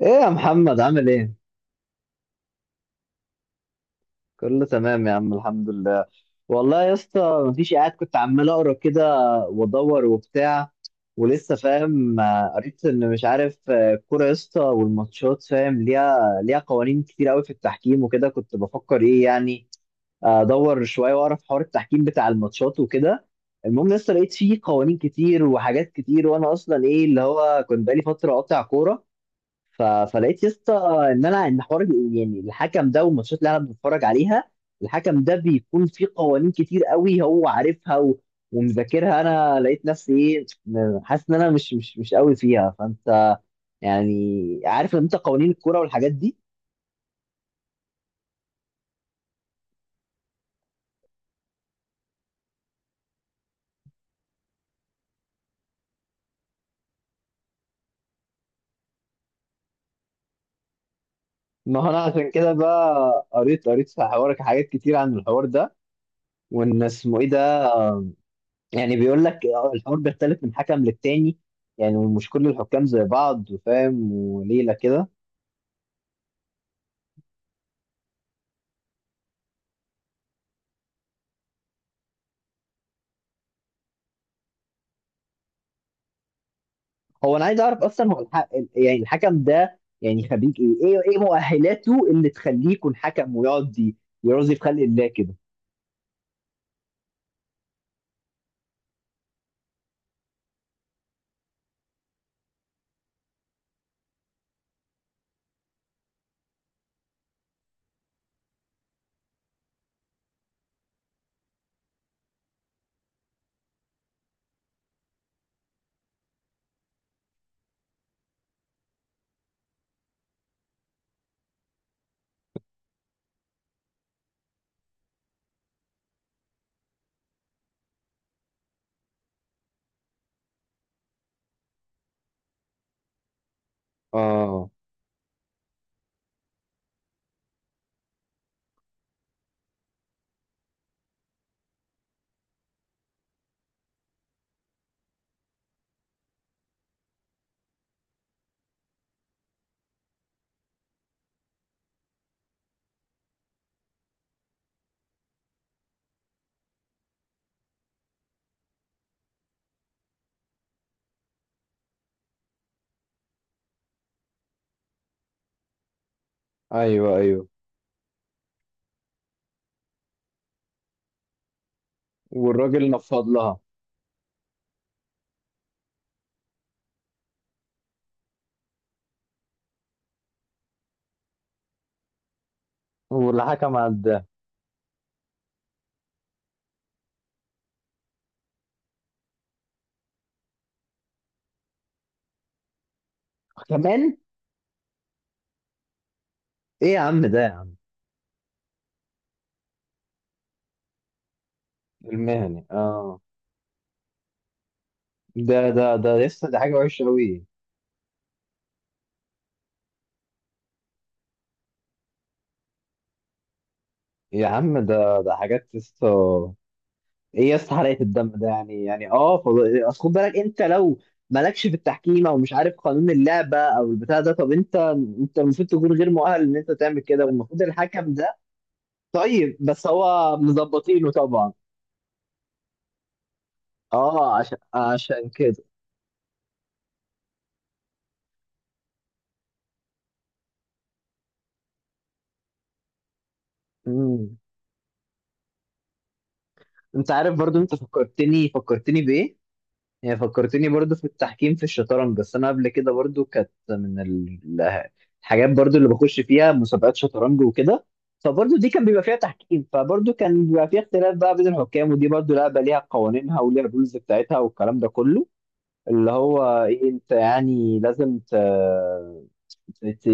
ايه يا محمد عامل ايه؟ كله تمام يا عم الحمد لله. والله يا اسطى مفيش، قاعد كنت عمال اقرا كده وادور وبتاع ولسه فاهم. قريت ان مش عارف، الكوره يا اسطى والماتشات فاهم ليها قوانين كتير قوي في التحكيم وكده، كنت بفكر ايه يعني. ادور شويه واعرف حوار التحكيم بتاع الماتشات وكده. المهم لسه لقيت فيه قوانين كتير وحاجات كتير، وانا اصلا ايه اللي هو كنت بقالي فتره قاطع كوره. فلقيت يا اسطى ان انا ان حوار يعني الحكم ده والماتشات اللي انا بتفرج عليها، الحكم ده بيكون فيه قوانين كتير قوي هو عارفها ومذاكرها. انا لقيت نفسي ايه حاسس ان انا مش قوي فيها، فانت يعني عارف لما انت قوانين الكوره والحاجات دي. ما هو انا عشان كده بقى قريت في حوارك حاجات كتير عن الحوار ده، وان اسمه ايه ده. يعني بيقول لك الحوار بيختلف من حكم للتاني، يعني مش كل الحكام زي بعض، فاهم وليله كده. هو انا عايز اعرف اصلا هو يعني الحكم ده يعني خريج ايه؟ ايه مؤهلاته اللي تخليه يكون حكم ويقعد يرازي في خلق الله كده؟ اه. ايوه ايوه. والراجل نفض لها. واللي حكم عداه كمان. ايه يا عم ده يا عم؟ المهني، اه. ده ده ده لسه ده حاجه وحشه قوي. يا عم ده ده حاجات لسه. ايه يا اسطى حرقه الدم ده يعني؟ يعني اه اصل خد بالك، انت لو مالكش في التحكيم او مش عارف قانون اللعبه او البتاع ده، طب انت انت المفروض تكون غير مؤهل ان انت تعمل كده، والمفروض الحكم ده. طيب بس هو مظبطينه طبعا، اه عشان عشان كده. امم، انت عارف برضو، انت فكرتني بايه؟ هي فكرتني برضو في التحكيم في الشطرنج. بس انا قبل كده برضو كانت من الحاجات برضو اللي بخش فيها مسابقات شطرنج وكده، فبرضو دي كان بيبقى فيها تحكيم، فبرضو كان بيبقى فيها اختلاف بقى بين الحكام. ودي برضو لعبة ليها قوانينها وليها الرولز بتاعتها والكلام ده كله، اللي هو ايه، انت يعني لازم ت-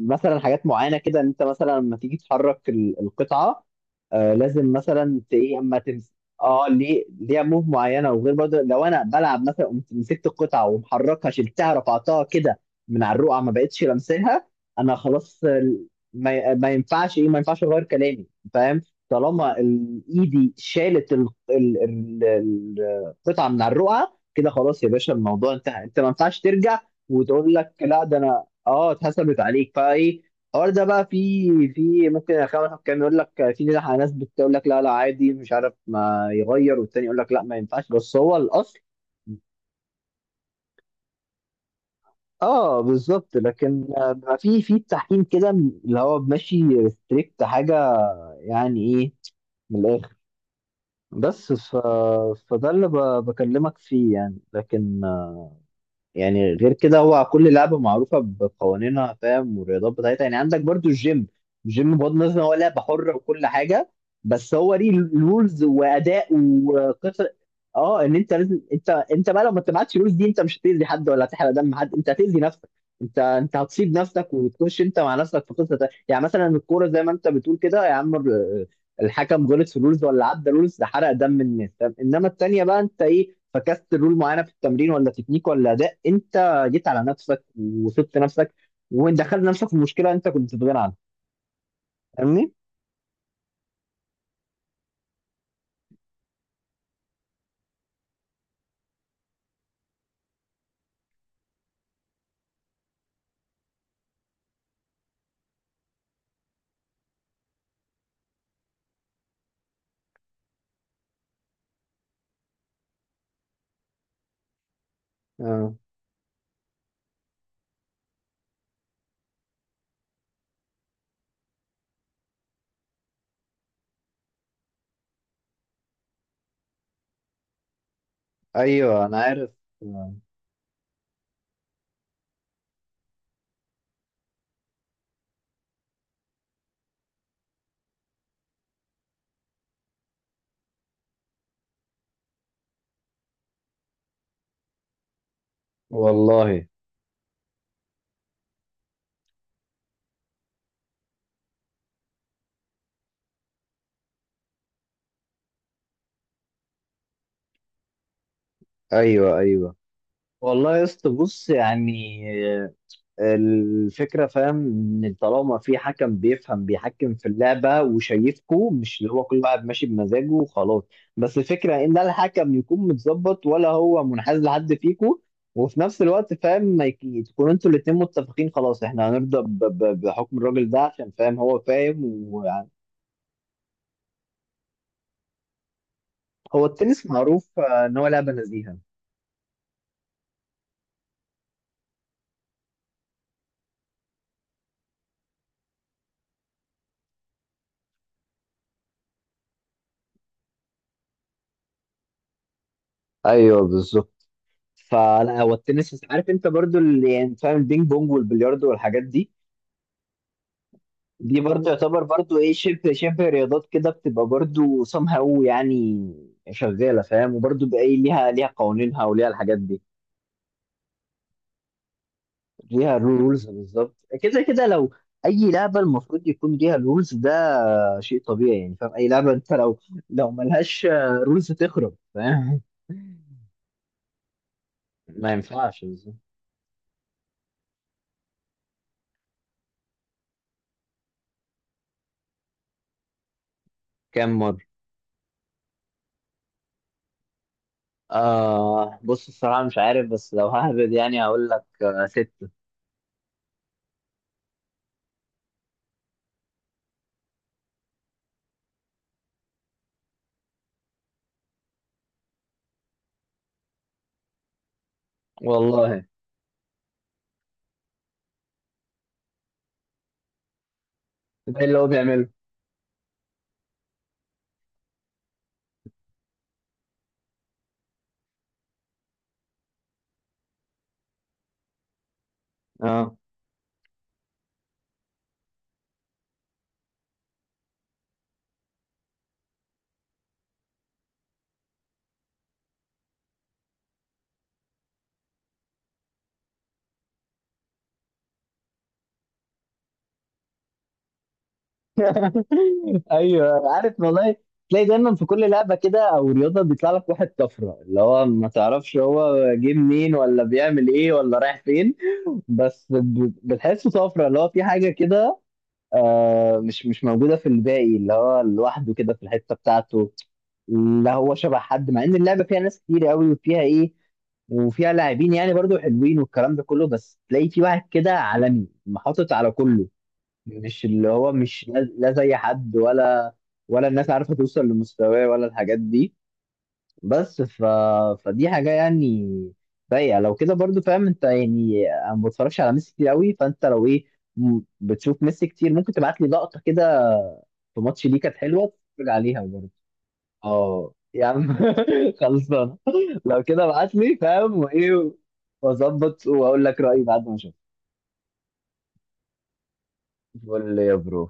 مثلا حاجات معينه كده ان انت مثلا لما تيجي تحرك القطعه، آه لازم مثلا ايه اما تمس. اه ليه ليها موف معينه، وغير برضه لو انا بلعب مثلا قمت مسكت القطعه ومحركها، شلتها رفعتها كده من على الرقعه، ما بقتش لمساها، انا خلاص. ما ينفعش ايه، ما ينفعش اغير كلامي. فاهم، طالما ايدي شالت القطعه من على الرقعه كده، خلاص يا باشا الموضوع انتهى، انت ما ينفعش ترجع وتقول لك لا ده انا، اه اتحسبت عليك. فايه الحوار ده بقى؟ في ممكن اخوان كان يقول لك، في ناس بتقول لك لا لا عادي مش عارف ما يغير، والتاني يقول لك لا ما ينفعش، بس هو الاصل. اه بالظبط. لكن بقى في في التحكيم كده، اللي هو ماشي ريستريكت حاجه، يعني ايه، من الاخر. بس ف... فده اللي بكلمك فيه، يعني. لكن يعني غير كده هو كل لعبة معروفة بقوانينها، فاهم، والرياضات بتاعتها. يعني عندك برضو الجيم، الجيم بغض النظر ان هو لعبة حرة وكل حاجة، بس هو ليه رولز وأداء وقصة. اه ان انت لازم انت انت بقى لو ما اتبعتش الرولز دي، انت مش هتأذي حد ولا هتحرق دم حد، انت هتأذي نفسك، انت انت هتصيب نفسك وتخش انت مع نفسك في قصة تانية. يعني مثلا الكورة زي ما انت بتقول كده يا عم، الحكم غلط في رولز ولا عدى رولز، ده حرق دم الناس. طب انما التانية بقى انت ايه، فكست رول معينه في التمرين ولا تكنيك ولا اداء، انت جيت على نفسك وسبت نفسك ودخلت نفسك في مشكله انت كنت في غنى عنها. فاهمني؟ آه. ايوه انا عارف. آه. والله. ايوه ايوه. والله يا اسطى بص يعني، آه، الفكرة فاهم، ان طالما في حكم بيفهم بيحكم في اللعبة وشايفكو، مش اللي هو كل واحد ماشي بمزاجه وخلاص. بس الفكرة ان ده الحكم يكون متظبط ولا هو منحاز لحد فيكو، وفي نفس الوقت فاهم ما تكونوا انتوا الاتنين متفقين، خلاص احنا هنرضى بحكم الراجل ده، عشان فاهم هو فاهم وهو. التنس معروف ان هو لعبة نزيهة. ايوه بالظبط. فلا هو التنس، عارف انت برضو اللي يعني فاهم البينج بونج والبلياردو والحاجات دي، دي برضو يعتبر برضو ايه شبه شبه رياضات كده، بتبقى برضو somehow يعني شغاله، فاهم، وبرضو بقى ايه ليها ليها قوانينها وليها الحاجات دي. ليها رولز بالظبط. كده كده لو اي لعبه المفروض يكون ليها رولز، ده شيء طبيعي يعني. فاهم، اي لعبه انت لو لو ملهاش رولز تخرب، فاهم. ما ينفعش بالظبط. كام مره؟ آه بص الصراحه مش عارف، بس لو ههبد يعني هقول لك آه ستة. والله. ده اللي هو بيعمله. اه. ايوه عارف والله. تلاقي دايما في كل لعبه كده او رياضه بيطلع لك واحد طفره، اللي هو ما تعرفش هو جه منين ولا بيعمل ايه ولا رايح فين، بس بتحسه طفره، اللي هو في حاجه كده آه مش موجوده في الباقي، اللي هو لوحده كده في الحته بتاعته، لا هو شبه حد، مع ان اللعبه فيها ناس كتير قوي وفيها ايه وفيها لاعبين يعني برضو حلوين والكلام ده كله، بس تلاقي في واحد كده عالمي محطط على كله، مش اللي هو مش لا زي حد، ولا ولا الناس عارفه توصل لمستواه ولا الحاجات دي. بس ف... فدي حاجه يعني سيئه لو كده برضو، فاهم انت يعني. انا ما بتفرجش على ميسي كتير قوي، فانت لو ايه، بتشوف ميسي كتير، ممكن تبعت لي لقطه كده في ماتش ليه كانت حلوه اتفرج عليها برضو. اه يا عم. خلصان. لو كده ابعت لي فاهم وايه، واظبط واقول لك رايي بعد ما اشوف. قول لي يا برو.